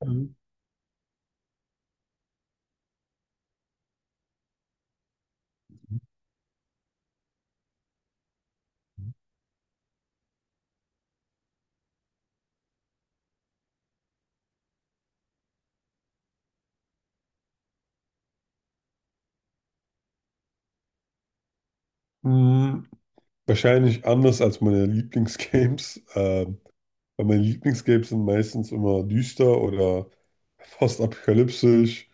Mhm. Mm, Wahrscheinlich anders als meine Lieblingsgames, weil meine Lieblingsgames sind meistens immer düster oder postapokalyptisch.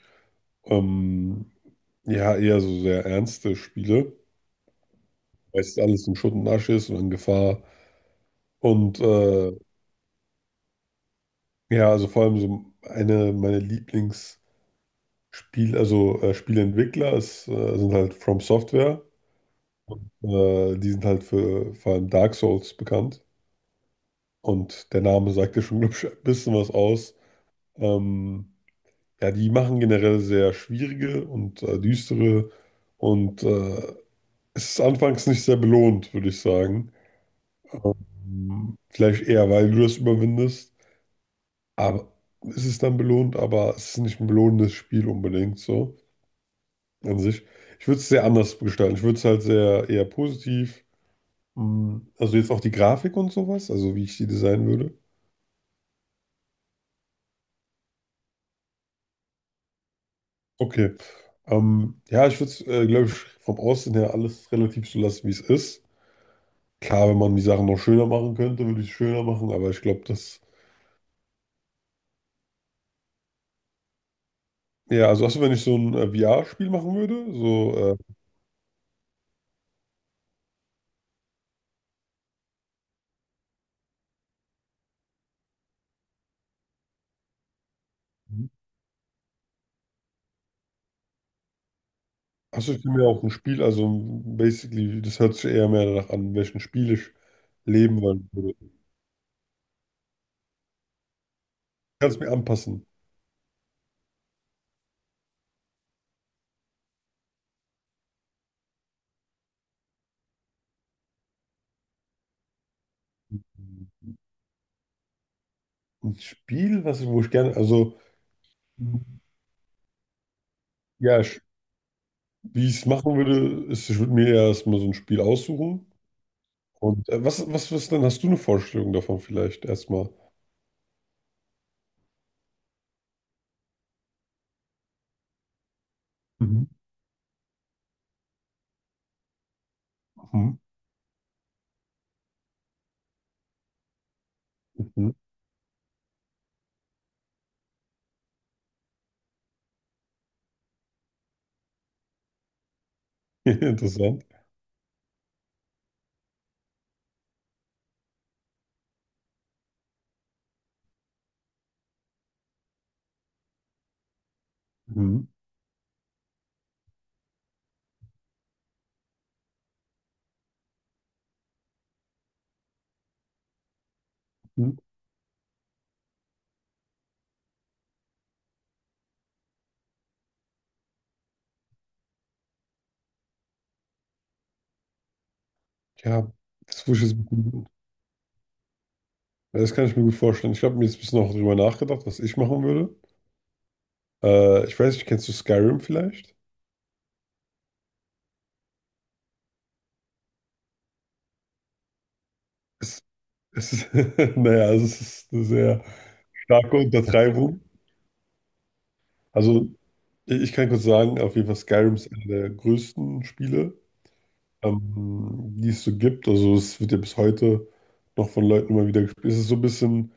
Ähm, ja, eher so sehr ernste Spiele. Meistens alles in Schutt und Asche ist und in Gefahr. Und ja, also vor allem so eine meiner Lieblingsspiel, also Spieleentwickler ist, sind halt From Software. Die sind halt für vor allem Dark Souls bekannt. Und der Name sagt ja schon, glaube ich, ein bisschen was aus. Ähm, ja, die machen generell sehr schwierige und düstere und es ist anfangs nicht sehr belohnt, würde ich sagen. Vielleicht eher, weil du das überwindest, aber es ist dann belohnt, aber es ist nicht ein belohnendes Spiel unbedingt so an sich. Ich würde es sehr anders gestalten. Ich würde es halt sehr eher positiv, also jetzt auch die Grafik und sowas, also wie ich die designen würde. Okay. Ja, ich würde es, glaube ich, vom Aussehen her alles relativ so lassen, wie es ist. Klar, wenn man die Sachen noch schöner machen könnte, würde ich es schöner machen, aber ich glaube, das. Ja, also hast du, wenn ich so ein VR-Spiel machen würde, so, äh. Mhm. Hast du ich mir auch ein Spiel, also basically, das hört sich eher mehr danach an, welchen Spiel ich leben wollen würde. Kannst mir anpassen. Ein Spiel, was ich, wo ich gerne, also. Mhm. Ja, ich, wie ich es machen würde, ist, ich würde mir erstmal so ein Spiel aussuchen. Und was denn? Hast du eine Vorstellung davon vielleicht erstmal? Mhm. Mhm. Mhm. Interessant. Mhm. Mhm. Ja, das wusste ich jetzt. Das kann ich mir gut vorstellen. Ich habe mir jetzt ein bisschen auch drüber nachgedacht, was ich machen würde. Ich weiß nicht, kennst du Skyrim vielleicht? Es, es ist, naja, also es ist eine sehr starke Untertreibung. Also, ich kann kurz sagen, auf jeden Fall Skyrim ist einer der größten Spiele. Ähm, die es so gibt. Also es wird ja bis heute noch von Leuten immer wieder gespielt. Es ist so ein bisschen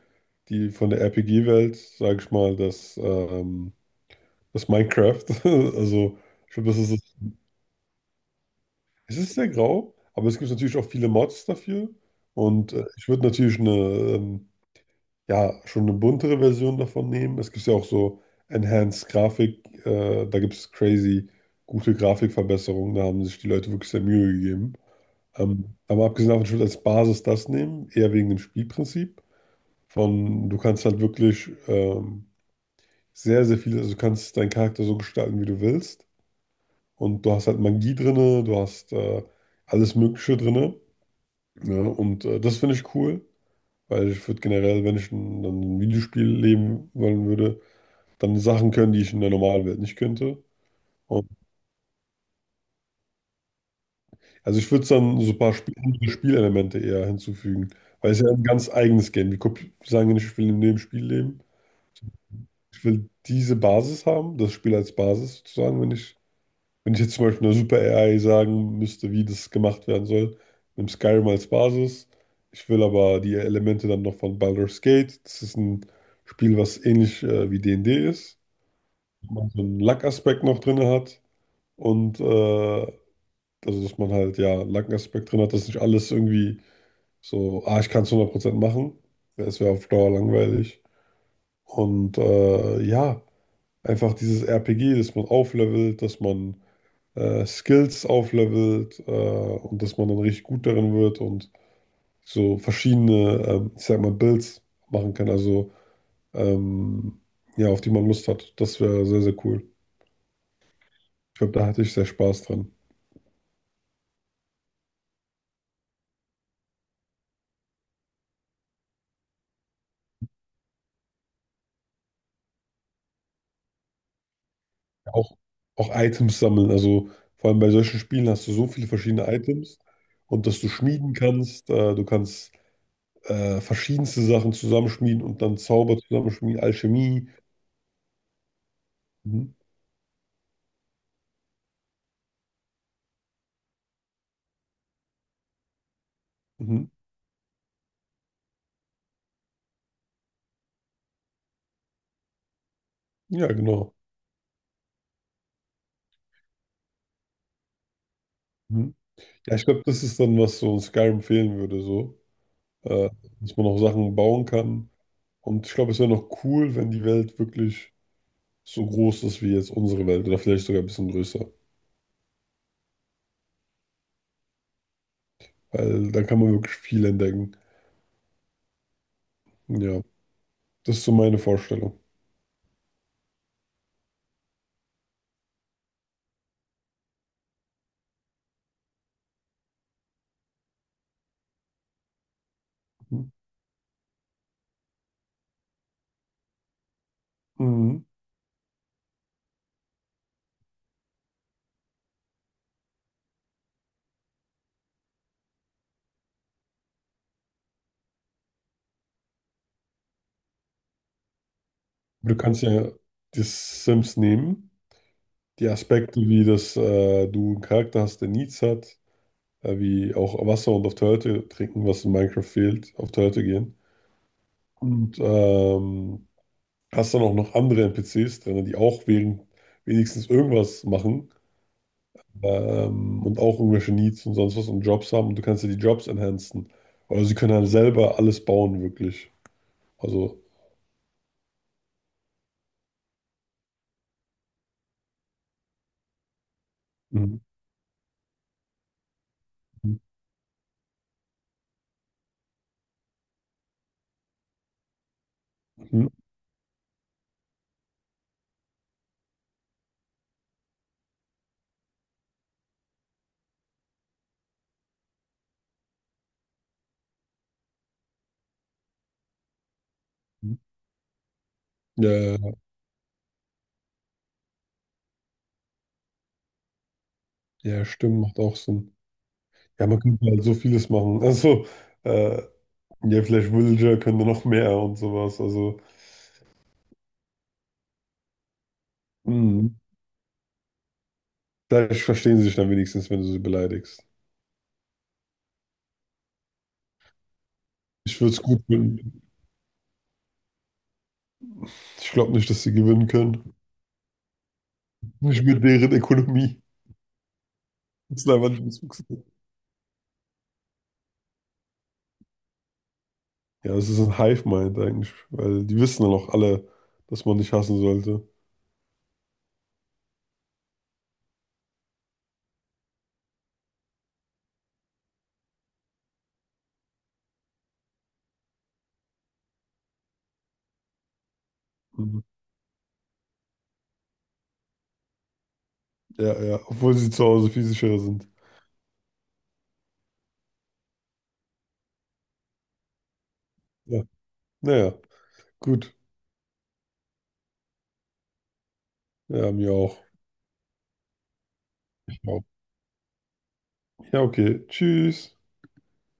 die von der RPG-Welt, sage ich mal, das, das Minecraft. Also ich glaube, das ist es. Es ist sehr grau, aber es gibt natürlich auch viele Mods dafür. Und ich würde natürlich eine, ja, schon eine buntere Version davon nehmen. Es gibt ja auch so Enhanced Grafik, da gibt es crazy gute Grafikverbesserungen, da haben sich die Leute wirklich sehr Mühe gegeben. Aber abgesehen davon, ich würde als Basis das nehmen, eher wegen dem Spielprinzip. Von, du kannst halt wirklich sehr viel, also du kannst deinen Charakter so gestalten, wie du willst. Und du hast halt Magie drinne, du hast alles Mögliche drinne. Ja, und das finde ich cool, weil ich würde generell, wenn ich ein, dann ein Videospiel leben wollen würde, dann Sachen können, die ich in der normalen Welt nicht könnte. Und, also ich würde dann so ein paar Spielelemente eher hinzufügen, weil es ja ein ganz eigenes Game. Wir kopi- sagen ja nicht, ich will in dem Spiel leben. Ich will diese Basis haben, das Spiel als Basis sozusagen, wenn ich, wenn ich jetzt zum Beispiel einer Super AI sagen müsste, wie das gemacht werden soll, nimm Skyrim als Basis. Ich will aber die Elemente dann noch von Baldur's Gate. Das ist ein Spiel, was ähnlich wie D&D ist, wo man so einen Luck-Aspekt noch drin hat und also dass man halt ja einen Luck-Aspekt drin hat, dass nicht alles irgendwie so, ah, ich kann es 100% machen. Es wäre auf Dauer langweilig. Und ja. Einfach dieses RPG, dass man auflevelt, dass man Skills auflevelt, und dass man dann richtig gut darin wird und so verschiedene, ich sag mal, Builds machen kann, also ähm, ja, auf die man Lust hat. Das wäre sehr cool. Ich glaube, da hatte ich sehr Spaß dran. Auch, auch Items sammeln, also vor allem bei solchen Spielen hast du so viele verschiedene Items und dass du schmieden kannst, du kannst verschiedenste Sachen zusammenschmieden und dann Zauber zusammenschmieden, Alchemie. Mhm. Mhm. Ja, genau. Mhm. Ja, ich glaube, das ist dann, was so in Skyrim fehlen würde, so. Äh, Dass man auch Sachen bauen kann. Und ich glaube, es wäre noch cool, wenn die Welt wirklich so groß ist wie jetzt unsere Welt oder vielleicht sogar ein bisschen größer. Weil dann kann man wirklich viel entdecken. Ja, das ist so meine Vorstellung. Mhm. Mhm. Du kannst ja die Sims nehmen, die Aspekte, wie das, du einen Charakter hast, der Needs hat, wie auch Wasser und auf Toilette trinken, was in Minecraft fehlt, auf Toilette gehen. Und hast dann auch noch andere NPCs drin, die auch wegen wenigstens irgendwas machen, und auch irgendwelche Needs und sonst was und Jobs haben und du kannst ja die Jobs enhancen. Oder sie können halt selber alles bauen, wirklich. Also, mhm. Mhm. Ja, ja, ja, stimmt, macht auch Sinn. Ja, man könnte halt so vieles machen. Also, äh, ja, vielleicht Villager können da noch mehr und sowas. Also, mhm. Vielleicht verstehen sie sich dann wenigstens, wenn du sie beleidigst. Ich würde es gut finden. Ich glaube nicht, dass sie gewinnen können. Nicht mit deren Ökonomie. Das ist einfach nicht Bezugsnetz. Ja, das ist ein Hive-Mind eigentlich, weil die wissen dann auch alle, dass man nicht hassen sollte. Mhm. Ja, ja, obwohl sie zu Hause viel sicherer sind. Ja, naja, gut. Ja, mir auch. Ja, okay. Tschüss.